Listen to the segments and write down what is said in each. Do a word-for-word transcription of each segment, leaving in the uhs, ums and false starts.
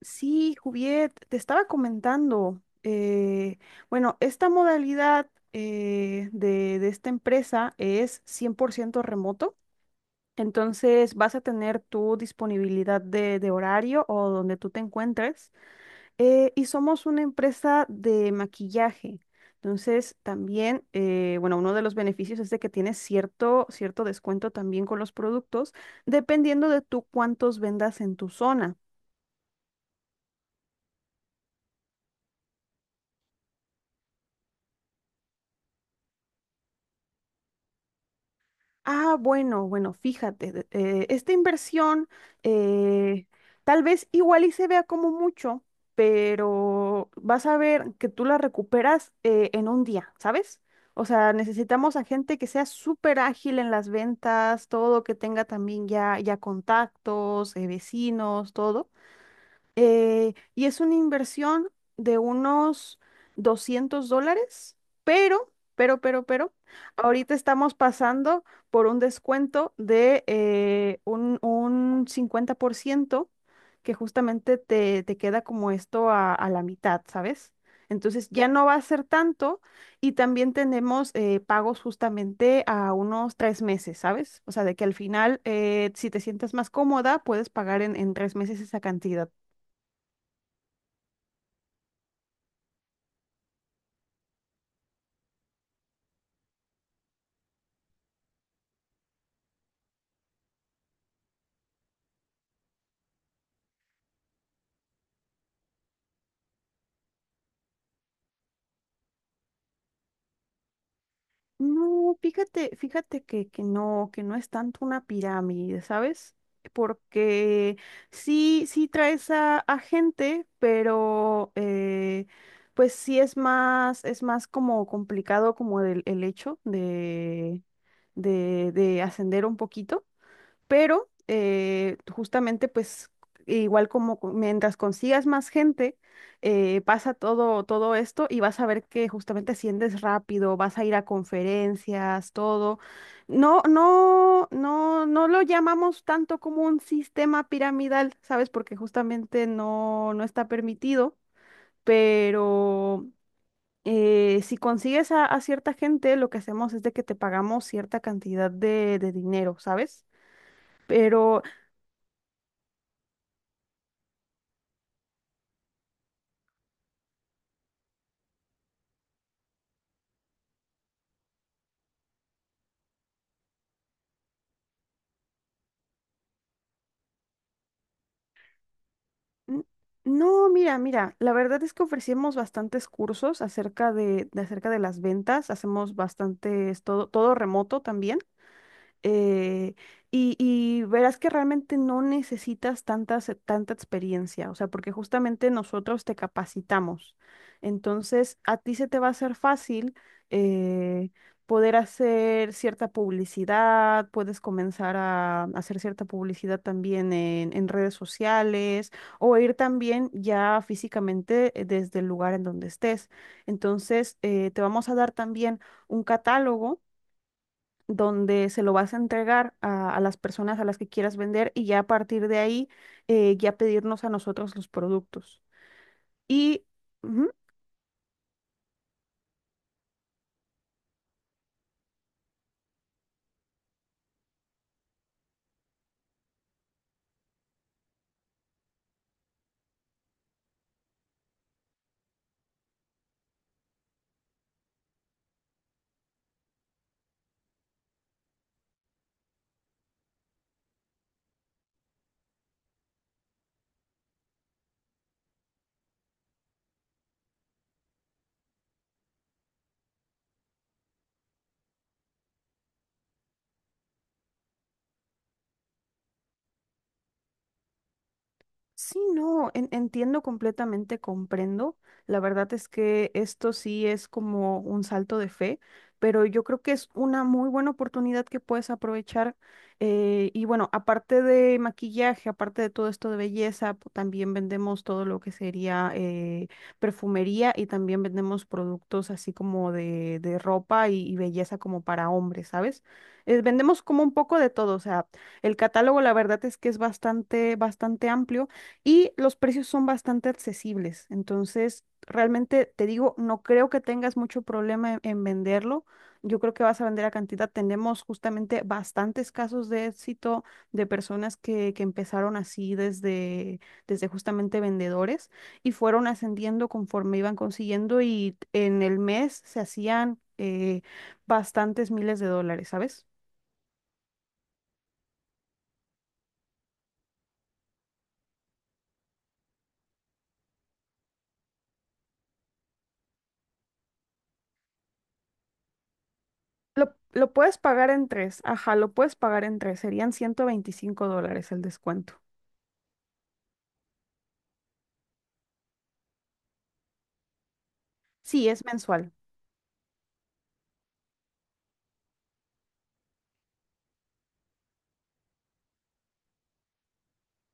Sí, Juviet, te estaba comentando. Eh, bueno, esta modalidad eh, de, de esta empresa es cien por ciento remoto, entonces vas a tener tu disponibilidad de, de horario o donde tú te encuentres. Eh, y somos una empresa de maquillaje. Entonces, también, eh, bueno, uno de los beneficios es de que tienes cierto, cierto descuento también con los productos, dependiendo de tú cuántos vendas en tu zona. Ah, bueno, bueno, fíjate, de- eh, esta inversión eh, tal vez igual y se vea como mucho, pero vas a ver que tú la recuperas eh, en un día, ¿sabes? O sea, necesitamos a gente que sea súper ágil en las ventas, todo, que tenga también ya, ya contactos, eh, vecinos, todo. Eh, y es una inversión de unos doscientos dólares, pero, pero, pero, pero, ahorita estamos pasando por un descuento de eh, un, un cincuenta por ciento que justamente te, te queda como esto a, a la mitad, ¿sabes? Entonces ya no va a ser tanto, y también tenemos eh, pagos justamente a unos tres meses, ¿sabes? O sea, de que al final, eh, si te sientes más cómoda, puedes pagar en, en tres meses esa cantidad. No, fíjate, fíjate que, que no, que no es tanto una pirámide, ¿sabes? Porque sí, sí traes a, a gente, pero eh, pues sí es más, es más como complicado como el, el hecho de, de, de ascender un poquito, pero eh, justamente pues igual como co- mientras consigas más gente, eh, pasa todo, todo esto y vas a ver que justamente asciendes rápido, vas a ir a conferencias, todo. No, no, no, no lo llamamos tanto como un sistema piramidal, ¿sabes? Porque justamente no, no está permitido, pero... eh, si consigues a, a cierta gente, lo que hacemos es de que te pagamos cierta cantidad de de dinero, ¿sabes? Pero N- no, mira, mira, la verdad es que ofrecemos bastantes cursos acerca de, de acerca de las ventas, hacemos bastantes, todo, todo remoto también, eh, y, y verás que realmente no necesitas tantas, tanta experiencia, o sea, porque justamente nosotros te capacitamos. Entonces, a ti se te va a hacer fácil eh, poder hacer cierta publicidad, puedes comenzar a hacer cierta publicidad también en, en redes sociales o ir también ya físicamente eh, desde el lugar en donde estés. Entonces, eh, te vamos a dar también un catálogo donde se lo vas a entregar a, a las personas a las que quieras vender, y ya a partir de ahí eh, ya pedirnos a nosotros los productos. Y ujú. Sí, no, en- entiendo completamente, comprendo. La verdad es que esto sí es como un salto de fe, pero yo creo que es una muy buena oportunidad que puedes aprovechar. Eh, y bueno, aparte de maquillaje, aparte de todo esto de belleza, pu- también vendemos todo lo que sería eh, perfumería, y también vendemos productos así como de, de ropa y, y belleza como para hombres, ¿sabes? Eh, vendemos como un poco de todo, o sea, el catálogo la verdad es que es bastante, bastante amplio y los precios son bastante accesibles. Entonces, realmente te digo, no creo que tengas mucho problema en, en venderlo. Yo creo que vas a vender a cantidad. Tenemos justamente bastantes casos de éxito de personas que, que empezaron así desde, desde justamente vendedores, y fueron ascendiendo conforme iban consiguiendo, y en el mes se hacían eh, bastantes miles de dólares, ¿sabes? Lo, lo puedes pagar en tres, ajá, lo puedes pagar en tres, serían ciento veinticinco dólares el descuento. Sí, es mensual.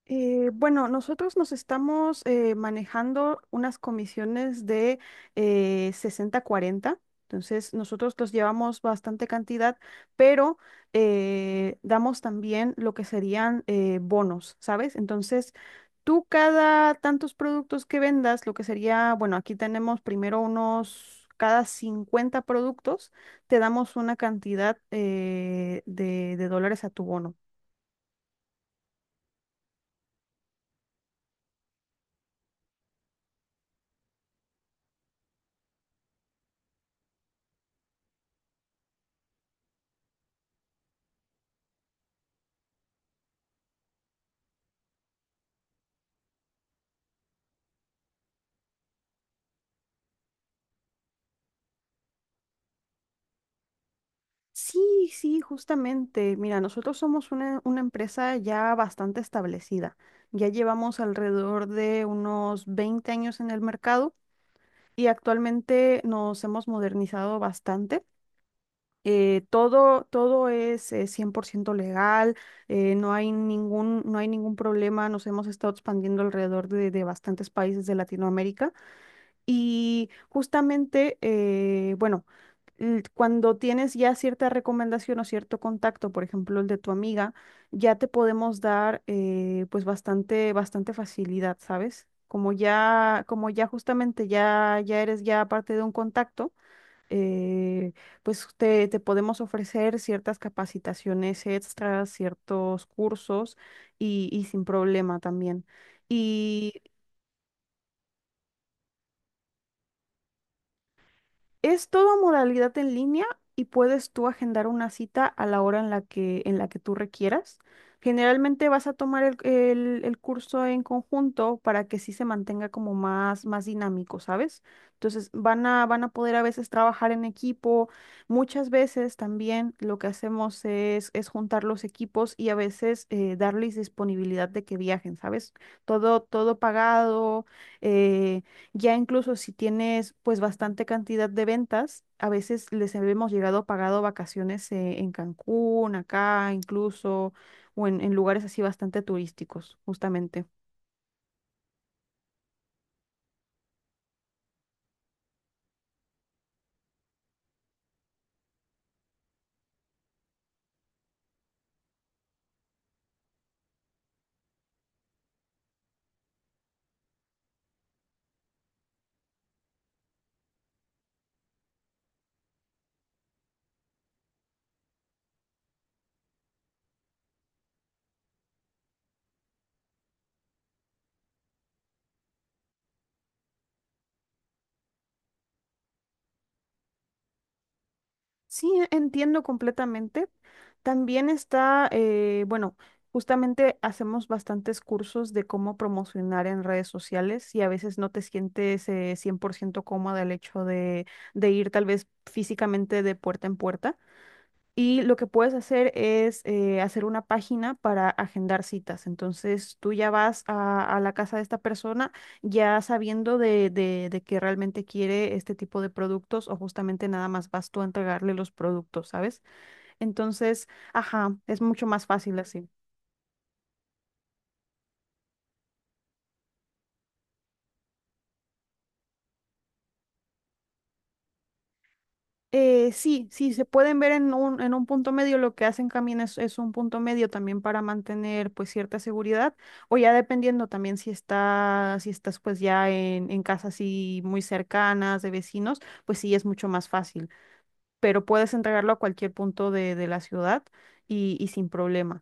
Eh, bueno, nosotros nos estamos eh, manejando unas comisiones de eh, sesenta cuarenta, entonces nosotros los llevamos bastante cantidad, pero eh, damos también lo que serían eh, bonos, ¿sabes? Entonces, tú cada tantos productos que vendas, lo que sería, bueno, aquí tenemos primero unos... Cada cincuenta productos te damos una cantidad eh, de, de dólares a tu bono. Sí, sí, justamente. Mira, nosotros somos una, una empresa ya bastante establecida. Ya llevamos alrededor de unos veinte años en el mercado y actualmente nos hemos modernizado bastante. Eh, todo, todo es eh, cien por ciento legal, eh, no hay ningún, no hay ningún problema. Nos hemos estado expandiendo alrededor de, de bastantes países de Latinoamérica. Y justamente, eh, bueno, l- cuando tienes ya cierta recomendación o cierto contacto, por ejemplo, el de tu amiga, ya te podemos dar eh, pues bastante, bastante facilidad, ¿sabes? Como ya, como ya justamente ya, ya eres ya parte de un contacto, eh, pues te, te podemos ofrecer ciertas capacitaciones extras, ciertos cursos, y, y sin problema también. Es toda modalidad en línea, y puedes tú agendar una cita a la hora en la que, en la que tú requieras. Generalmente vas a tomar el, el- el curso en conjunto para que sí se mantenga como más, más dinámico, ¿sabes? Entonces van a, van a poder a veces trabajar en equipo. Muchas veces también lo que hacemos es, es juntar los equipos, y a veces eh, darles disponibilidad de que viajen, ¿sabes? Todo, todo pagado. eh, ya incluso si tienes pues bastante cantidad de ventas, a veces les hemos llegado pagado vacaciones eh, en Cancún, acá incluso, o en, en lugares así bastante turísticos, justamente. Sí, e- entiendo completamente. También está, eh, bueno, justamente hacemos bastantes cursos de cómo promocionar en redes sociales, y a veces no te sientes eh, cien por ciento cómoda el hecho de, de ir tal vez físicamente de puerta en puerta. Y lo que puedes hacer es eh, hacer una página para agendar citas. Entonces tú ya vas a, a la casa de esta persona ya sabiendo de, de, de que realmente quiere este tipo de productos, o justamente nada más vas tú a entregarle los productos, ¿sabes? Entonces, ajá, es mucho más fácil así. Eh, sí, sí, se pueden ver en un, en un punto medio, lo que hacen también es, es un punto medio también para mantener pues cierta seguridad, o ya dependiendo también si está, si estás pues ya en, en casas así muy cercanas de vecinos, pues sí es mucho más fácil, pero puedes entregarlo a cualquier punto de, de la ciudad, y, y sin problema.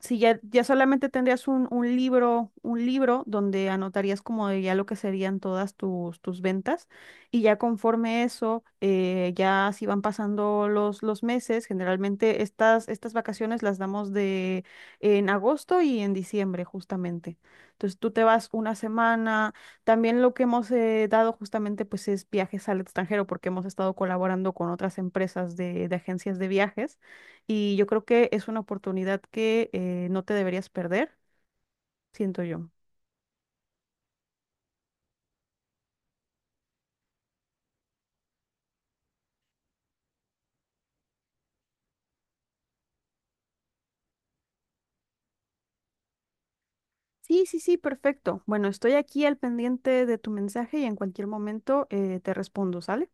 Si ya, ya solamente tendrías un, un libro, un libro donde anotarías como de ya lo que serían todas tus, tus ventas, y ya conforme eso, eh, ya si van pasando los, los meses, generalmente estas, estas vacaciones las damos de en agosto y en diciembre justamente. Entonces tú te vas una semana. También lo que hemos eh, dado justamente pues es viajes al extranjero porque hemos estado colaborando con otras empresas de, de agencias de viajes, y yo creo que es una oportunidad que eh, no te deberías perder, siento yo. Sí, sí, sí, perfecto. Bueno, estoy aquí al pendiente de tu mensaje, y en cualquier momento eh, te respondo, ¿sale?